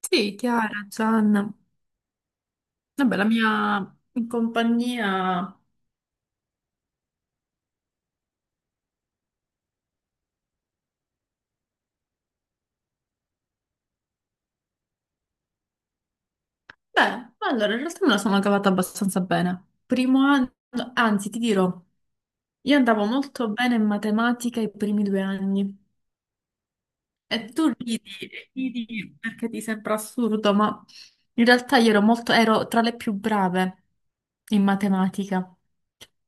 Sì, Chiara, Gianna. Vabbè, la mia in compagnia. Beh, allora, in realtà me la sono cavata abbastanza bene. Primo anno, anzi, ti dirò, io andavo molto bene in matematica i primi 2 anni. E tu ridi, ridi perché ti sembra assurdo, ma in realtà io ero tra le più brave in matematica.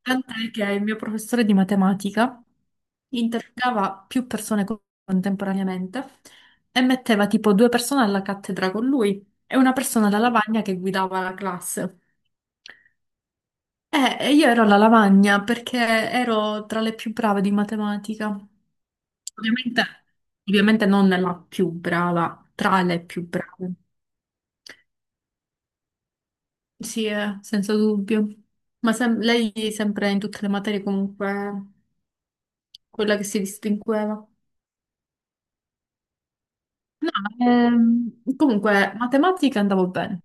Tant'è che il mio professore di matematica interrogava più persone contemporaneamente e metteva tipo due persone alla cattedra con lui e una persona alla lavagna che guidava la classe. E io ero alla lavagna perché ero tra le più brave di matematica. Ovviamente, ovviamente non la più brava, tra le più brave. Sì, senza dubbio. Ma lei sempre in tutte le materie comunque quella che si distingueva. No, comunque, matematica andavo bene.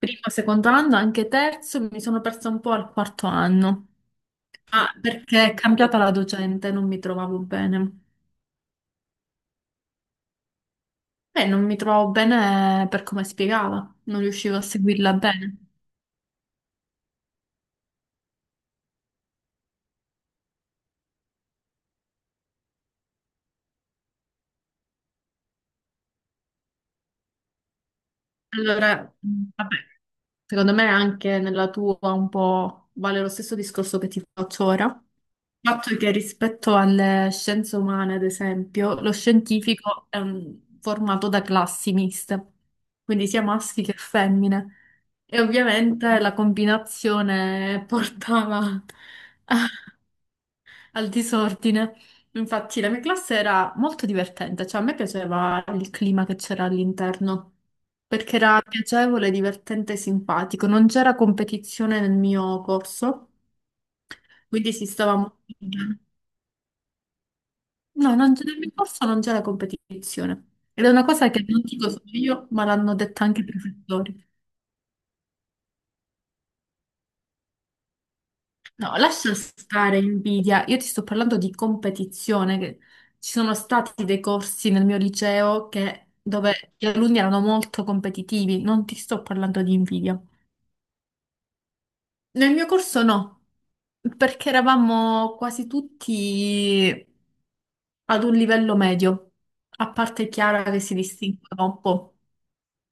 Primo, secondo anno, anche terzo, mi sono persa un po' al quarto anno. Ah, perché è cambiata la docente, non mi trovavo bene. E non mi trovavo bene per come spiegava, non riuscivo a seguirla bene. Allora, vabbè, secondo me anche nella tua un po' vale lo stesso discorso che ti faccio ora. Il fatto è che rispetto alle scienze umane, ad esempio, lo scientifico è formato da classi miste, quindi sia maschi che femmine. E ovviamente la combinazione portava al disordine. Infatti la mia classe era molto divertente, cioè a me piaceva il clima che c'era all'interno, perché era piacevole, divertente e simpatico. Non c'era competizione nel mio corso, quindi si stava molto bene. No, non c'è- nel mio corso non c'è la competizione. Ed è una cosa che non dico solo io, ma l'hanno detta anche i professori. No, lascia stare invidia. Io ti sto parlando di competizione, che ci sono stati dei corsi nel mio liceo dove gli alunni erano molto competitivi. Non ti sto parlando di invidia. Nel mio corso no, perché eravamo quasi tutti ad un livello medio, a parte Chiara che si distingueva un po'.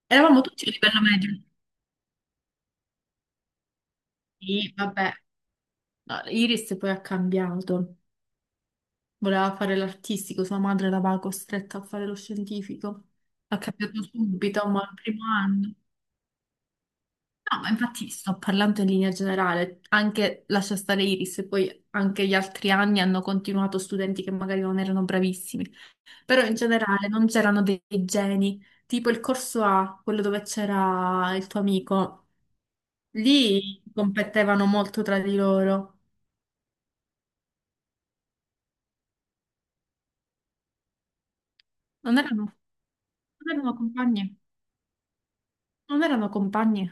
Eravamo tutti a livello medio. Sì, vabbè. No, Iris poi ha cambiato, voleva fare l'artistico, sua madre l'aveva costretta a fare lo scientifico, ha cambiato subito, ma al primo anno. No, ma infatti sto parlando in linea generale, anche lascia stare Iris, e poi anche gli altri anni hanno continuato studenti che magari non erano bravissimi, però in generale non c'erano dei geni, tipo il corso A, quello dove c'era il tuo amico, lì competevano molto tra di loro, non erano, non erano compagni. Non erano compagni.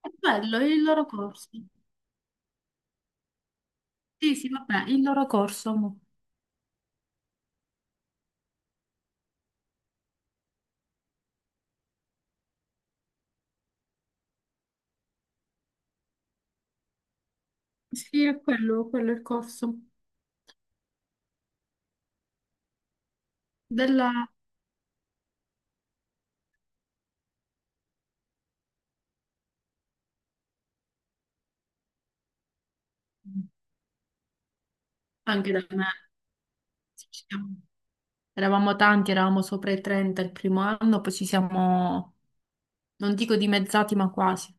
È quello, il loro corso. Sì, sì, vabbè, il loro corso. Mo. Sì, è quello, quello è il corso. Della. Anche da me. Ci siamo- Eravamo tanti, eravamo sopra i 30 il primo anno, poi ci siamo, non dico dimezzati, ma quasi.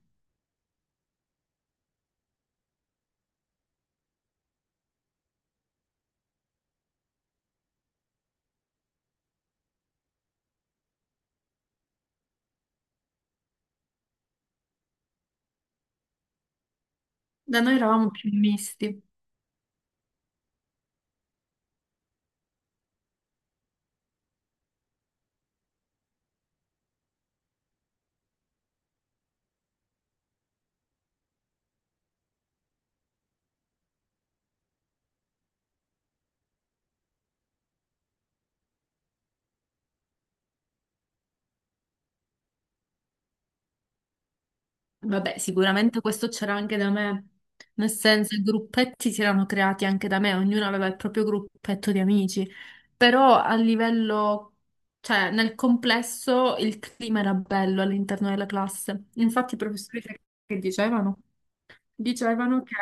Da noi eravamo più misti. Vabbè, sicuramente questo c'era anche da me, nel senso i gruppetti si erano creati anche da me, ognuno aveva il proprio gruppetto di amici, però a livello, cioè nel complesso il clima era bello all'interno della classe. Infatti i professori che dicevano? Dicevano che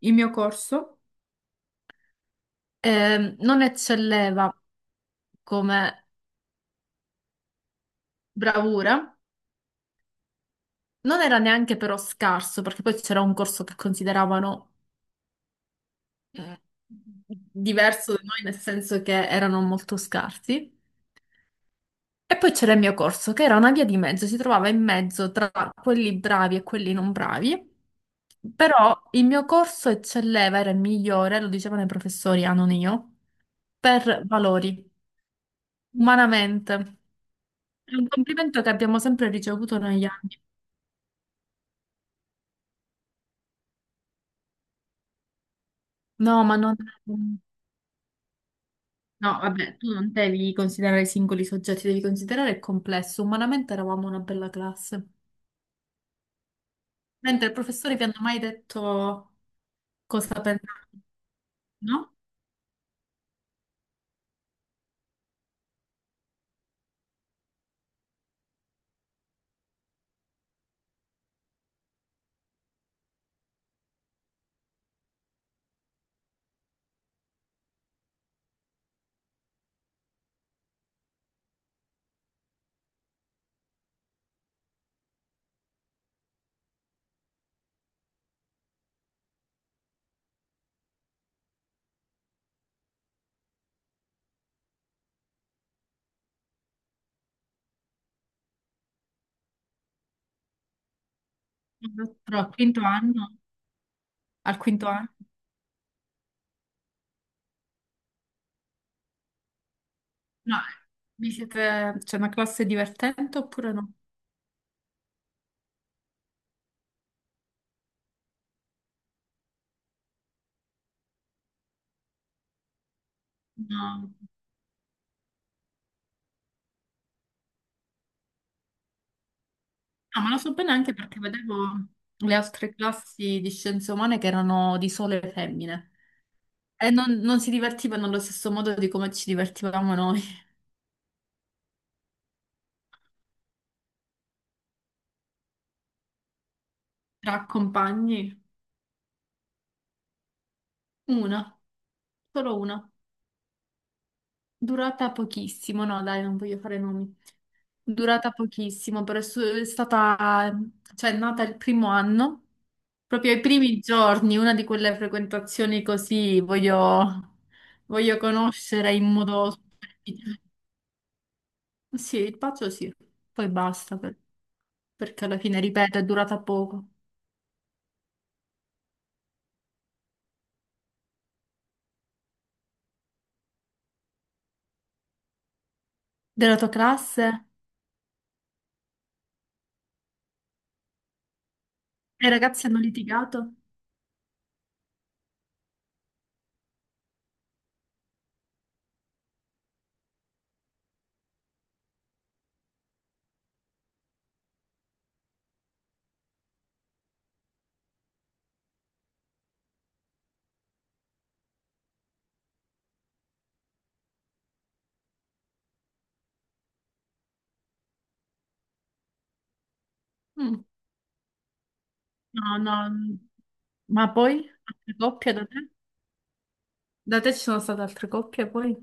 il mio corso non eccelleva come bravura, non era neanche però scarso, perché poi c'era un corso che consideravano eh, diverso da noi, nel senso che erano molto scarsi. E poi c'era il mio corso, che era una via di mezzo, si trovava in mezzo tra quelli bravi e quelli non bravi. Però il mio corso eccelleva, era il migliore, lo dicevano i professori, ah, non io, per valori, umanamente. È un complimento che abbiamo sempre ricevuto negli anni. No, ma non. No, vabbè, tu non devi considerare i singoli soggetti, devi considerare il complesso. Umanamente eravamo una bella classe. Mentre il professore vi hanno mai detto cosa pensate, no? Però al quinto anno, al quinto anno, no, c'è una classe divertente oppure no? No, no, ma lo so bene anche perché vedevo le altre classi di scienze umane che erano di sole femmine e non si divertivano allo stesso modo di come ci divertivamo noi, tra compagni. Una, solo una, durata pochissimo, no, dai, non voglio fare nomi. Durata pochissimo, però è stata, cioè, è nata il primo anno, proprio ai primi giorni, una di quelle frequentazioni così voglio conoscere in modo superficiale. Sì, il pazzo sì, poi basta, perché alla fine, ripeto, è durata poco. Della tua classe? E i ragazzi hanno litigato? Mm. No, no. Mm. Ma poi? Altre coppie da te? Da te ci sono state altre coppie poi?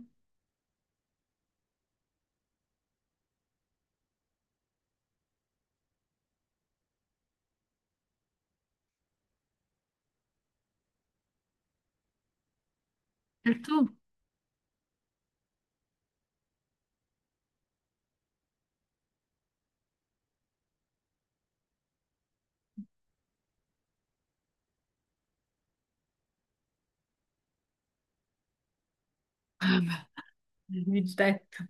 E tu? Vabbè, il tetto.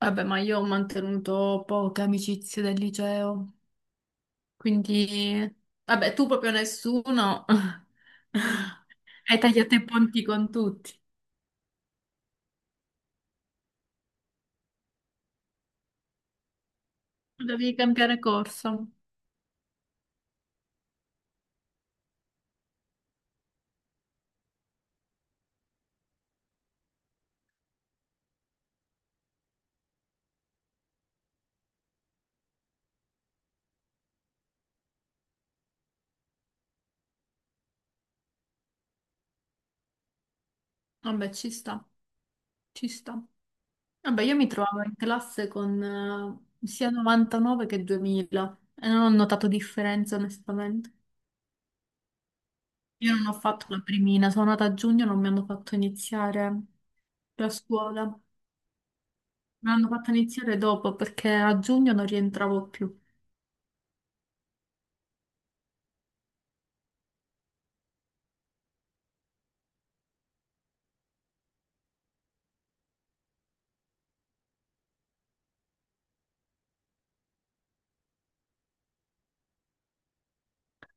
Vabbè, ma io ho mantenuto poche amicizie del liceo, quindi. Vabbè, tu proprio nessuno. Hai tagliato i ponti con tutti. Dovevi cambiare corso. Vabbè, ci sta, ci sta. Vabbè, io mi trovavo in classe con sia 99 che 2000 e non ho notato differenza, onestamente. Io non ho fatto la primina, sono nata a giugno, non mi hanno fatto iniziare la scuola. Mi hanno fatto iniziare dopo perché a giugno non rientravo più.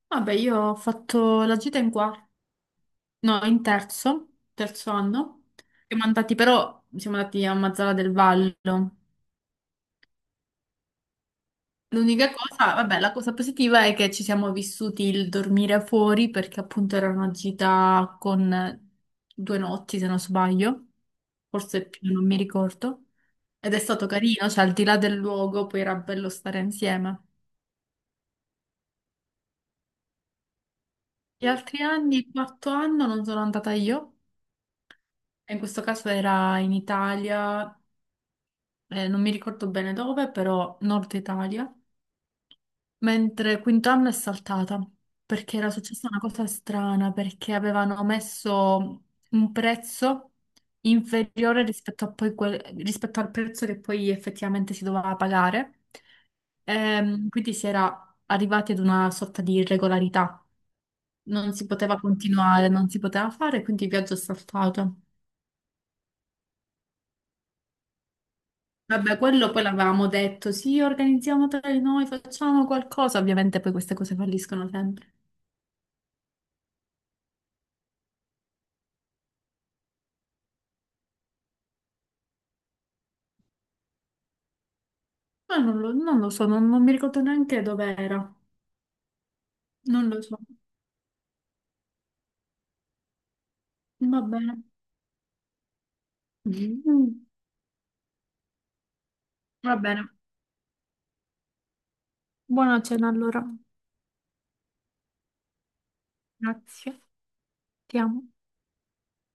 Vabbè, io ho fatto la gita in quarto, no, in terzo, terzo anno. Siamo andati però, siamo andati a Mazzara del Vallo. L'unica cosa, vabbè, la cosa positiva è che ci siamo vissuti il dormire fuori perché appunto era una gita con 2 notti, se non sbaglio, forse più, non mi ricordo. Ed è stato carino, cioè al di là del luogo poi era bello stare insieme. Gli altri anni, il quarto anno, non sono andata io. E in questo caso era in Italia, non mi ricordo bene dove, però Nord Italia, mentre quintanno è saltata perché era successa una cosa strana, perché avevano messo un prezzo inferiore rispetto a poi rispetto al prezzo che poi effettivamente si doveva pagare. Quindi si era arrivati ad una sorta di irregolarità, non si poteva continuare, non si poteva fare, quindi il viaggio è saltato. Vabbè, quello poi l'avevamo detto, sì, organizziamo tra di noi, facciamo qualcosa. Ovviamente poi queste cose falliscono sempre. Ma non lo so, non mi ricordo neanche dove era. Non lo so. Va bene. Va bene. Buona cena allora. Grazie. Ti amo.